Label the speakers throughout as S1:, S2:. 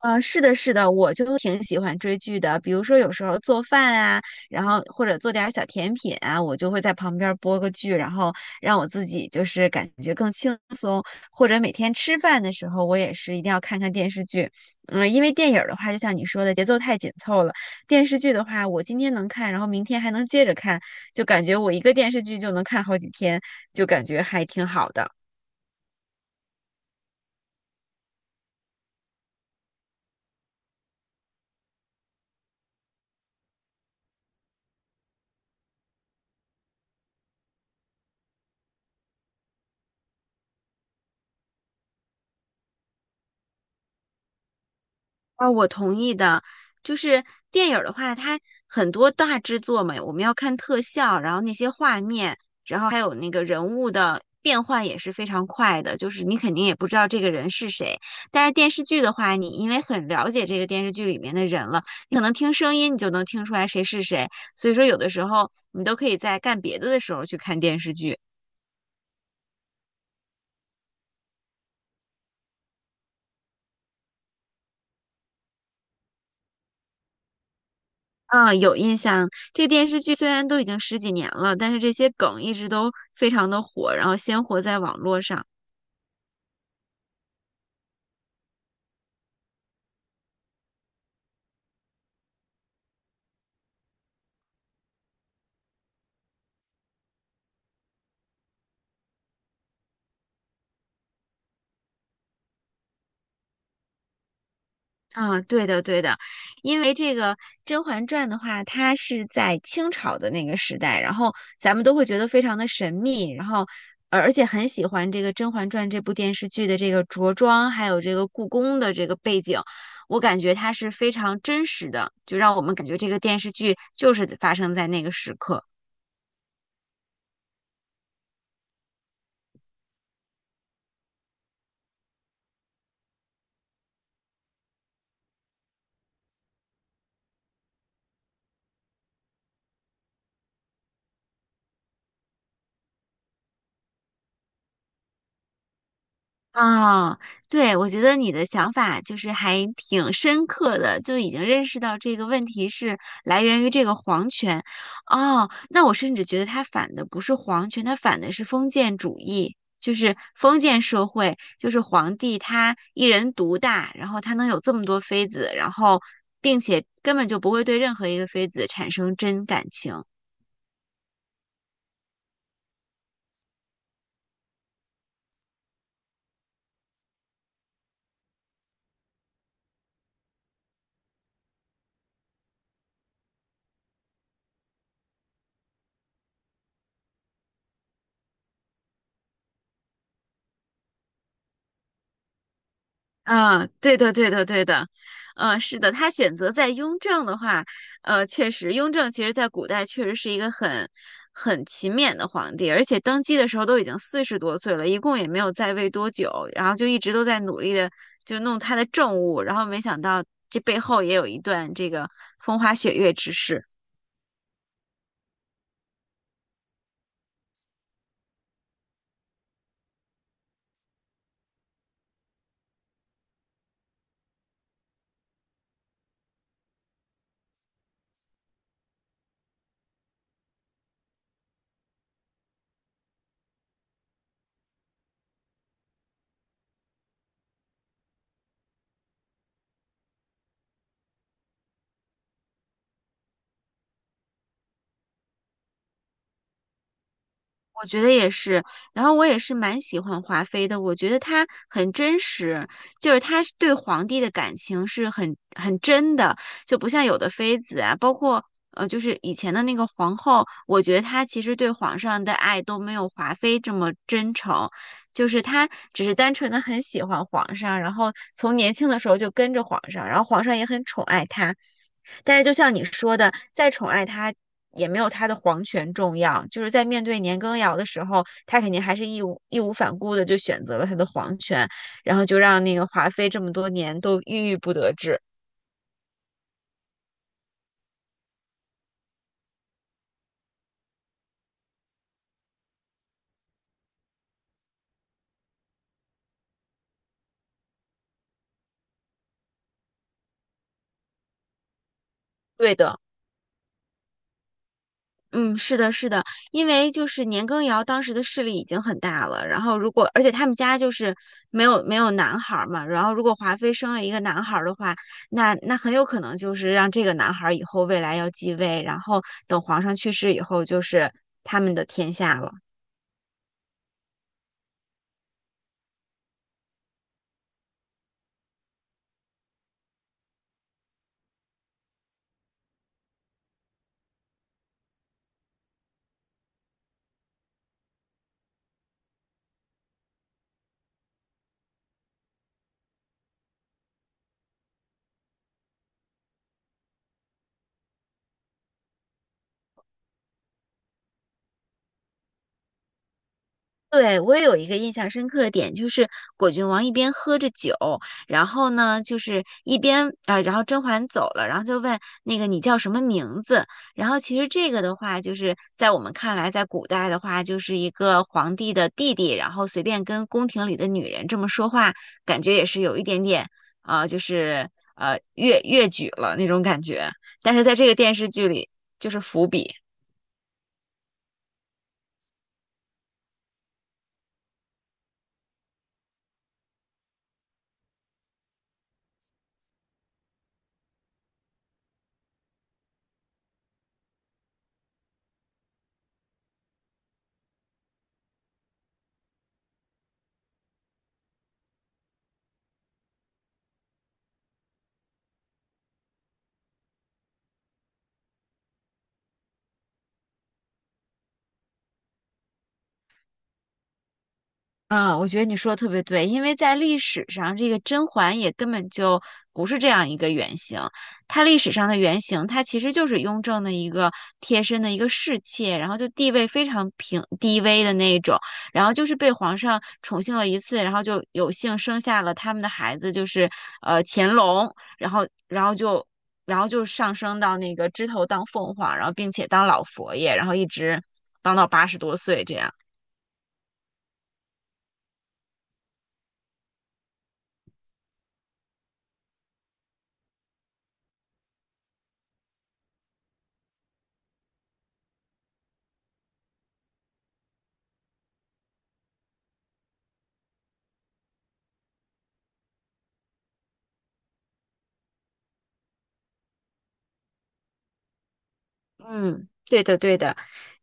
S1: 是的，是的，我就挺喜欢追剧的。比如说，有时候做饭啊，然后或者做点儿小甜品啊，我就会在旁边儿播个剧，然后让我自己就是感觉更轻松。或者每天吃饭的时候，我也是一定要看看电视剧。嗯，因为电影儿的话，就像你说的，节奏太紧凑了；电视剧的话，我今天能看，然后明天还能接着看，就感觉我一个电视剧就能看好几天，就感觉还挺好的。啊，我同意的。就是电影儿的话，它很多大制作嘛，我们要看特效，然后那些画面，然后还有那个人物的变换也是非常快的，就是你肯定也不知道这个人是谁。但是电视剧的话，你因为很了解这个电视剧里面的人了，你可能听声音你就能听出来谁是谁，所以说有的时候你都可以在干别的的时候去看电视剧。啊，有印象。这电视剧虽然都已经十几年了，但是这些梗一直都非常的火，然后鲜活在网络上。啊，对的，对的，因为这个《甄嬛传》的话，它是在清朝的那个时代，然后咱们都会觉得非常的神秘，然后而且很喜欢这个《甄嬛传》这部电视剧的这个着装，还有这个故宫的这个背景，我感觉它是非常真实的，就让我们感觉这个电视剧就是发生在那个时刻。啊，对，我觉得你的想法就是还挺深刻的，就已经认识到这个问题是来源于这个皇权。哦，那我甚至觉得他反的不是皇权，他反的是封建主义，就是封建社会，就是皇帝他一人独大，然后他能有这么多妃子，然后并且根本就不会对任何一个妃子产生真感情。啊，对的，对的，对的，嗯，是的，他选择在雍正的话，呃，确实，雍正其实在古代确实是一个很勤勉的皇帝，而且登基的时候都已经40多岁了，一共也没有在位多久，然后就一直都在努力的就弄他的政务，然后没想到这背后也有一段这个风花雪月之事。我觉得也是，然后我也是蛮喜欢华妃的，我觉得她很真实，就是她是对皇帝的感情是很真的，就不像有的妃子啊，包括就是以前的那个皇后，我觉得她其实对皇上的爱都没有华妃这么真诚。就是他只是单纯的很喜欢皇上，然后从年轻的时候就跟着皇上，然后皇上也很宠爱他。但是就像你说的，再宠爱他也没有他的皇权重要。就是在面对年羹尧的时候，他肯定还是义无反顾的就选择了他的皇权，然后就让那个华妃这么多年都郁郁不得志。对的，嗯，是的，是的，因为就是年羹尧当时的势力已经很大了，然后如果而且他们家就是没有男孩儿嘛，然后如果华妃生了一个男孩儿的话，那很有可能就是让这个男孩儿以后未来要继位，然后等皇上去世以后就是他们的天下了。对，我也有一个印象深刻的点，就是果郡王一边喝着酒，然后呢，就是一边啊、然后甄嬛走了，然后就问那个你叫什么名字？然后其实这个的话，就是在我们看来，在古代的话，就是一个皇帝的弟弟，然后随便跟宫廷里的女人这么说话，感觉也是有一点点啊、就是越矩了那种感觉。但是在这个电视剧里，就是伏笔。嗯，我觉得你说的特别对，因为在历史上，这个甄嬛也根本就不是这样一个原型。她历史上的原型，她其实就是雍正的一个贴身的一个侍妾，然后就地位非常平低微的那一种，然后就是被皇上宠幸了一次，然后就有幸生下了他们的孩子，就是乾隆，然后然后就然后就上升到那个枝头当凤凰，然后并且当老佛爷，然后一直当到80多岁这样。嗯，对的，对的。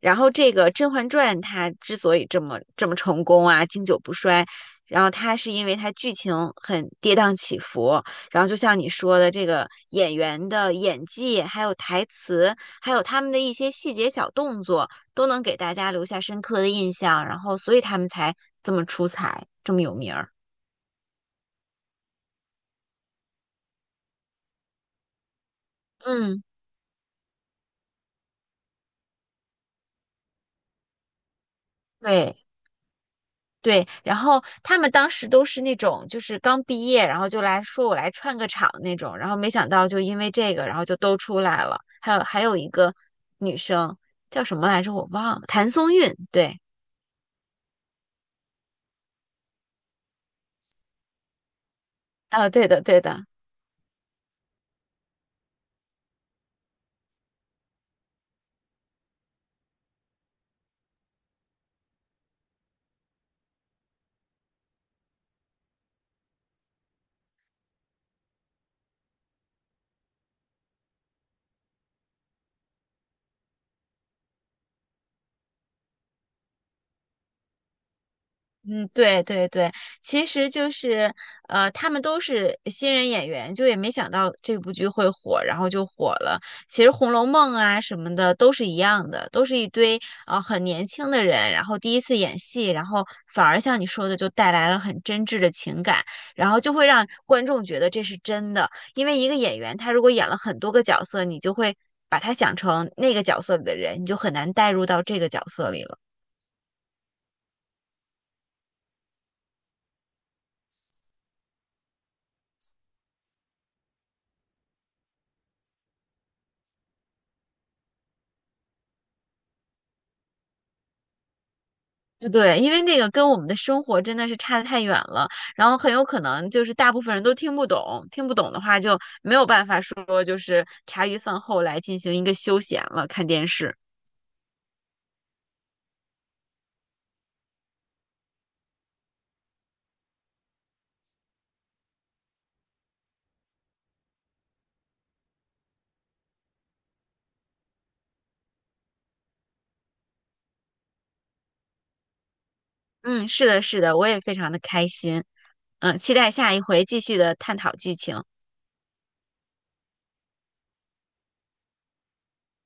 S1: 然后这个《甄嬛传》它之所以这么这么成功啊，经久不衰，然后它是因为它剧情很跌宕起伏，然后就像你说的，这个演员的演技，还有台词，还有他们的一些细节小动作，都能给大家留下深刻的印象，然后所以他们才这么出彩，这么有名儿。嗯，对。对，然后他们当时都是那种就是刚毕业，然后就来说我来串个场那种，然后没想到就因为这个，然后就都出来了。还有一个女生叫什么来着，我忘了，谭松韵。对，啊，对的对的，嗯，对对对，其实就是他们都是新人演员，就也没想到这部剧会火，然后就火了。其实《红楼梦》啊什么的都是一样的，都是一堆啊很年轻的人，然后第一次演戏，然后反而像你说的，就带来了很真挚的情感，然后就会让观众觉得这是真的。因为一个演员他如果演了很多个角色，你就会把他想成那个角色里的人，你就很难带入到这个角色里了。对，因为那个跟我们的生活真的是差得太远了，然后很有可能就是大部分人都听不懂，听不懂的话就没有办法说就是茶余饭后来进行一个休闲了，看电视。嗯，是的，是的，我也非常的开心。嗯，期待下一回继续的探讨剧情。